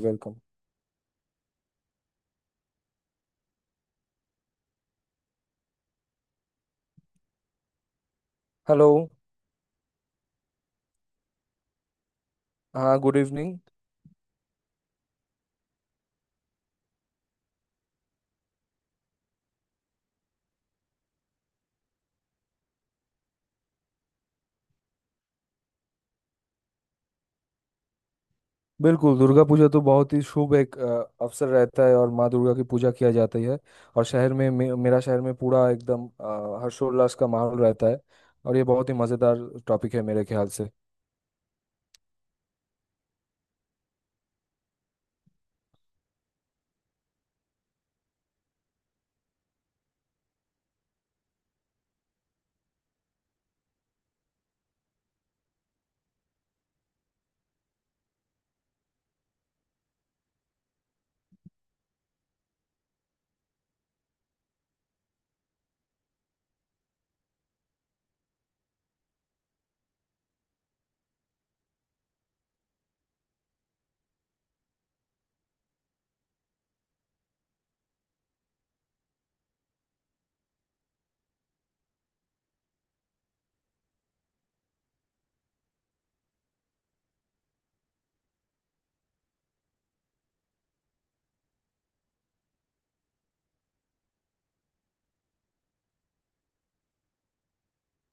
Welcome. Hello. हाँ, good evening. बिल्कुल दुर्गा पूजा तो बहुत ही शुभ एक अवसर रहता है और माँ दुर्गा की पूजा किया जाती है। और शहर में मेरा शहर में पूरा एकदम हर्षोल्लास का माहौल रहता है। और ये बहुत ही मज़ेदार टॉपिक है मेरे ख्याल से।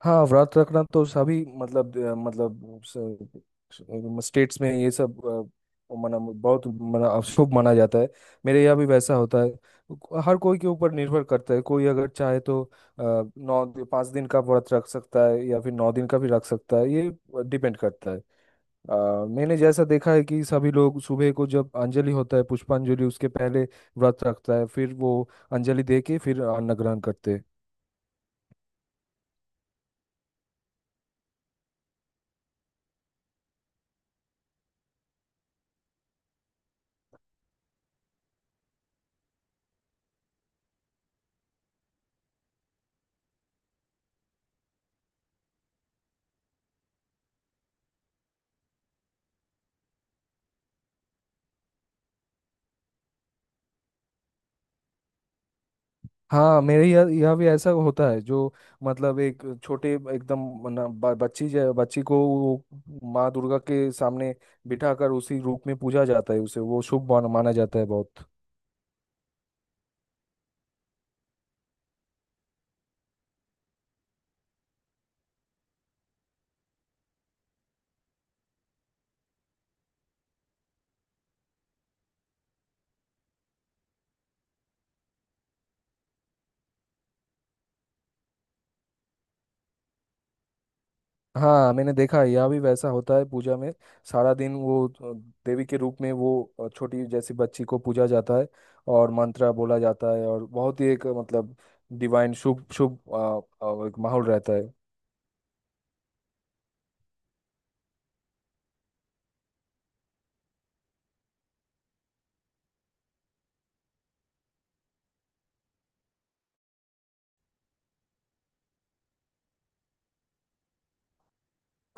हाँ, व्रत रखना तो सभी मतलब मतलब स्टेट्स में ये सब मना बहुत मना शुभ माना जाता है। मेरे यहाँ भी वैसा होता है। हर कोई के ऊपर निर्भर करता है, कोई अगर चाहे तो नौ पाँच दिन का व्रत रख सकता है या फिर नौ दिन का भी रख सकता है, ये डिपेंड करता है। अ, मैंने जैसा देखा है कि सभी लोग सुबह को जब अंजलि होता है पुष्पांजलि उसके पहले व्रत रखता है, फिर वो अंजलि दे के फिर अन्न ग्रहण करते हैं। हाँ, मेरे यहाँ यहाँ भी ऐसा होता है। जो मतलब एक छोटे एकदम बच्ची बच्ची को वो माँ दुर्गा के सामने बिठाकर उसी रूप में पूजा जाता है, उसे वो शुभ माना जाता है बहुत। हाँ, मैंने देखा है यहाँ भी वैसा होता है। पूजा में सारा दिन वो देवी के रूप में वो छोटी जैसी बच्ची को पूजा जाता है और मंत्र बोला जाता है। और बहुत ही एक मतलब डिवाइन शुभ शुभ एक माहौल रहता है।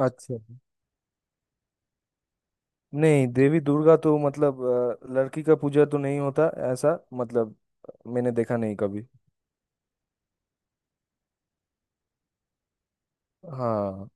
अच्छा। नहीं, देवी दुर्गा तो मतलब लड़की का पूजा तो नहीं होता ऐसा, मतलब मैंने देखा नहीं कभी। हाँ।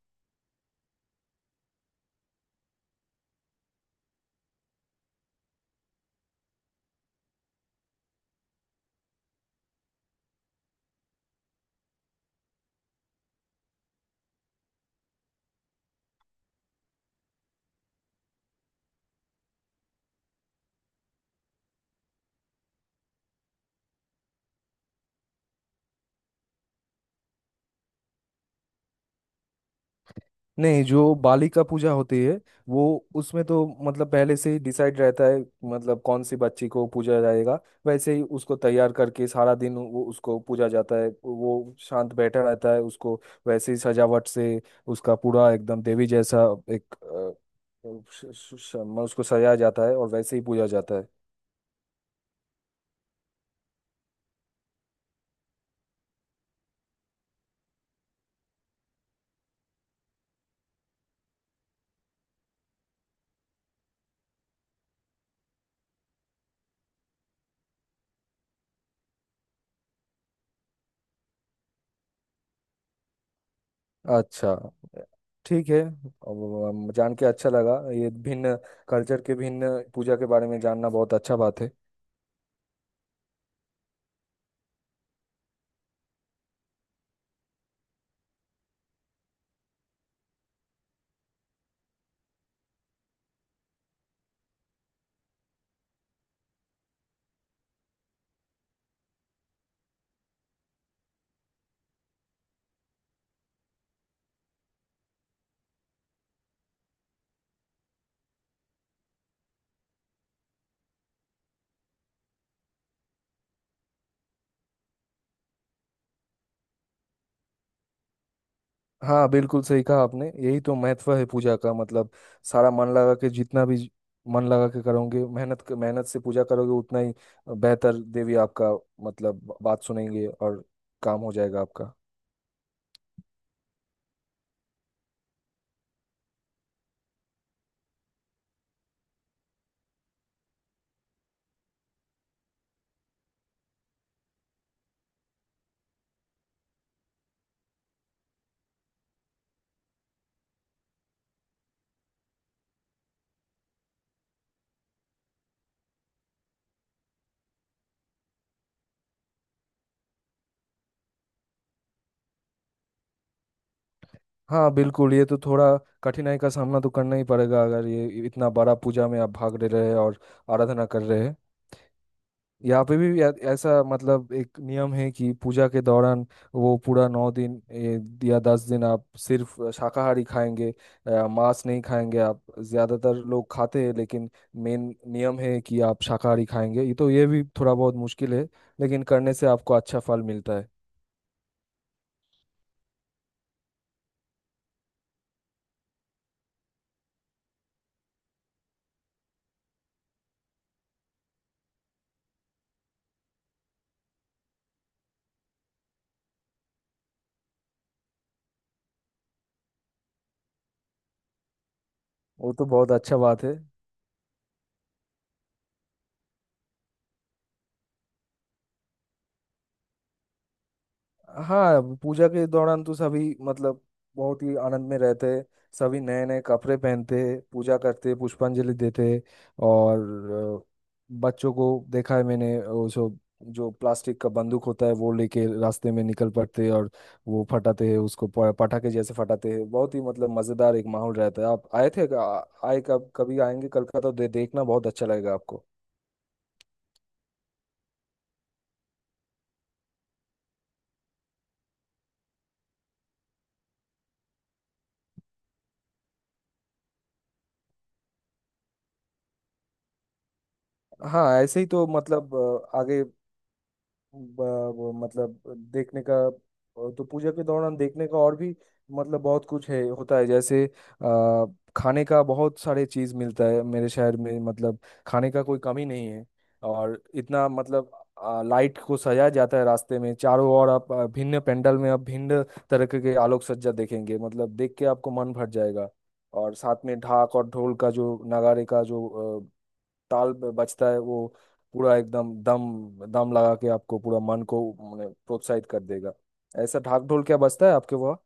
नहीं, जो बालिका पूजा होती है, वो उसमें तो मतलब पहले से ही डिसाइड रहता है, मतलब कौन सी बच्ची को पूजा जाएगा। वैसे ही उसको तैयार करके सारा दिन वो उसको पूजा जाता है, वो शांत बैठा रहता है, उसको वैसे ही सजावट से उसका पूरा एकदम देवी जैसा एक उसको सजाया जाता है और वैसे ही पूजा जाता है। अच्छा, ठीक है। अब हम जान के अच्छा लगा, ये भिन्न कल्चर के भिन्न पूजा के बारे में जानना बहुत अच्छा बात है। हाँ, बिल्कुल सही कहा आपने, यही तो महत्व है पूजा का। मतलब सारा मन लगा के, जितना भी मन लगा के करोगे, मेहनत मेहनत से पूजा करोगे उतना ही बेहतर देवी आपका मतलब बात सुनेंगे और काम हो जाएगा आपका। हाँ, बिल्कुल। ये तो थोड़ा कठिनाई का सामना तो करना ही पड़ेगा अगर ये इतना बड़ा पूजा में आप भाग ले रहे हैं और आराधना कर रहे हैं। यहाँ पे भी ऐसा मतलब एक नियम है कि पूजा के दौरान वो पूरा नौ दिन या दस दिन आप सिर्फ शाकाहारी खाएंगे, मांस नहीं खाएंगे आप। ज्यादातर लोग खाते हैं, लेकिन मेन नियम है कि आप शाकाहारी खाएंगे। ये तो ये भी थोड़ा बहुत मुश्किल है, लेकिन करने से आपको अच्छा फल मिलता है। वो तो बहुत अच्छा बात है। हाँ, पूजा के दौरान तो सभी मतलब बहुत ही आनंद में रहते हैं। सभी नए नए कपड़े पहनते हैं, पूजा करते हैं, पुष्पांजलि देते हैं। और अ, बच्चों को देखा है मैंने, वो जो जो प्लास्टिक का बंदूक होता है वो लेके रास्ते में निकल पड़ते हैं और वो फटाते हैं उसको पटाखे जैसे फटाते हैं। बहुत ही मतलब मजेदार एक माहौल रहता है। आप आए थे आए, कब कभी आएंगे कलकत्ता तो देखना बहुत अच्छा लगेगा आपको। हाँ, ऐसे ही तो मतलब आगे वो मतलब देखने का, तो पूजा के दौरान देखने का और भी मतलब बहुत कुछ है होता है। जैसे आ, खाने का बहुत सारे चीज मिलता है मेरे शहर में, मतलब खाने का कोई कमी नहीं है। और इतना मतलब लाइट को सजाया जाता है रास्ते में चारों ओर। आप भिन्न पंडाल में आप भिन्न तरह के आलोक सज्जा देखेंगे, मतलब देख के आपको मन भर जाएगा। और साथ में ढाक और ढोल का, जो नगाड़े का जो ताल बजता है, वो पूरा एकदम दम दम लगा के आपको पूरा मन को माने प्रोत्साहित कर देगा। ऐसा ढाक ढोल क्या बजता है आपके वहाँ?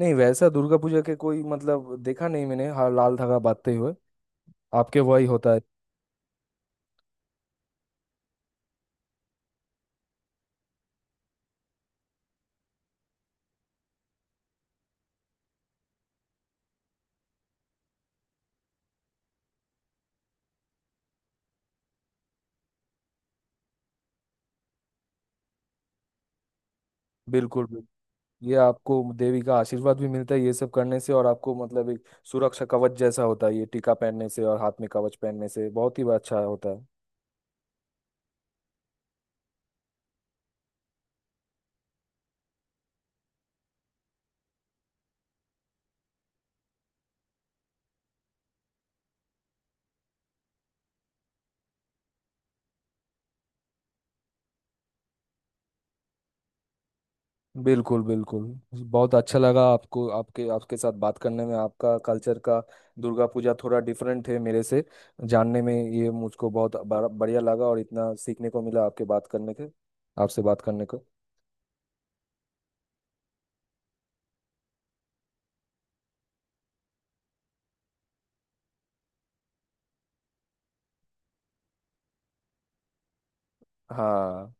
नहीं, वैसा दुर्गा पूजा के कोई मतलब देखा नहीं मैंने। हाँ, लाल धागा बांधते हुए आपके वहाँ ही होता है। बिल्कुल बिल्कुल। ये आपको देवी का आशीर्वाद भी मिलता है ये सब करने से, और आपको मतलब एक सुरक्षा कवच जैसा होता है ये टीका पहनने से और हाथ में कवच पहनने से, बहुत ही अच्छा होता है। बिल्कुल बिल्कुल। बहुत अच्छा लगा आपको, आपके आपके साथ बात करने में। आपका कल्चर का दुर्गा पूजा थोड़ा डिफरेंट है मेरे से, जानने में ये मुझको बहुत बढ़िया लगा और इतना सीखने को मिला आपके बात करने के, आपसे बात करने को। हाँ,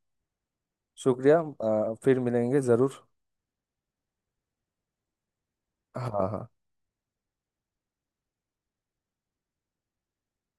शुक्रिया। फिर मिलेंगे ज़रूर। हाँ हाँ।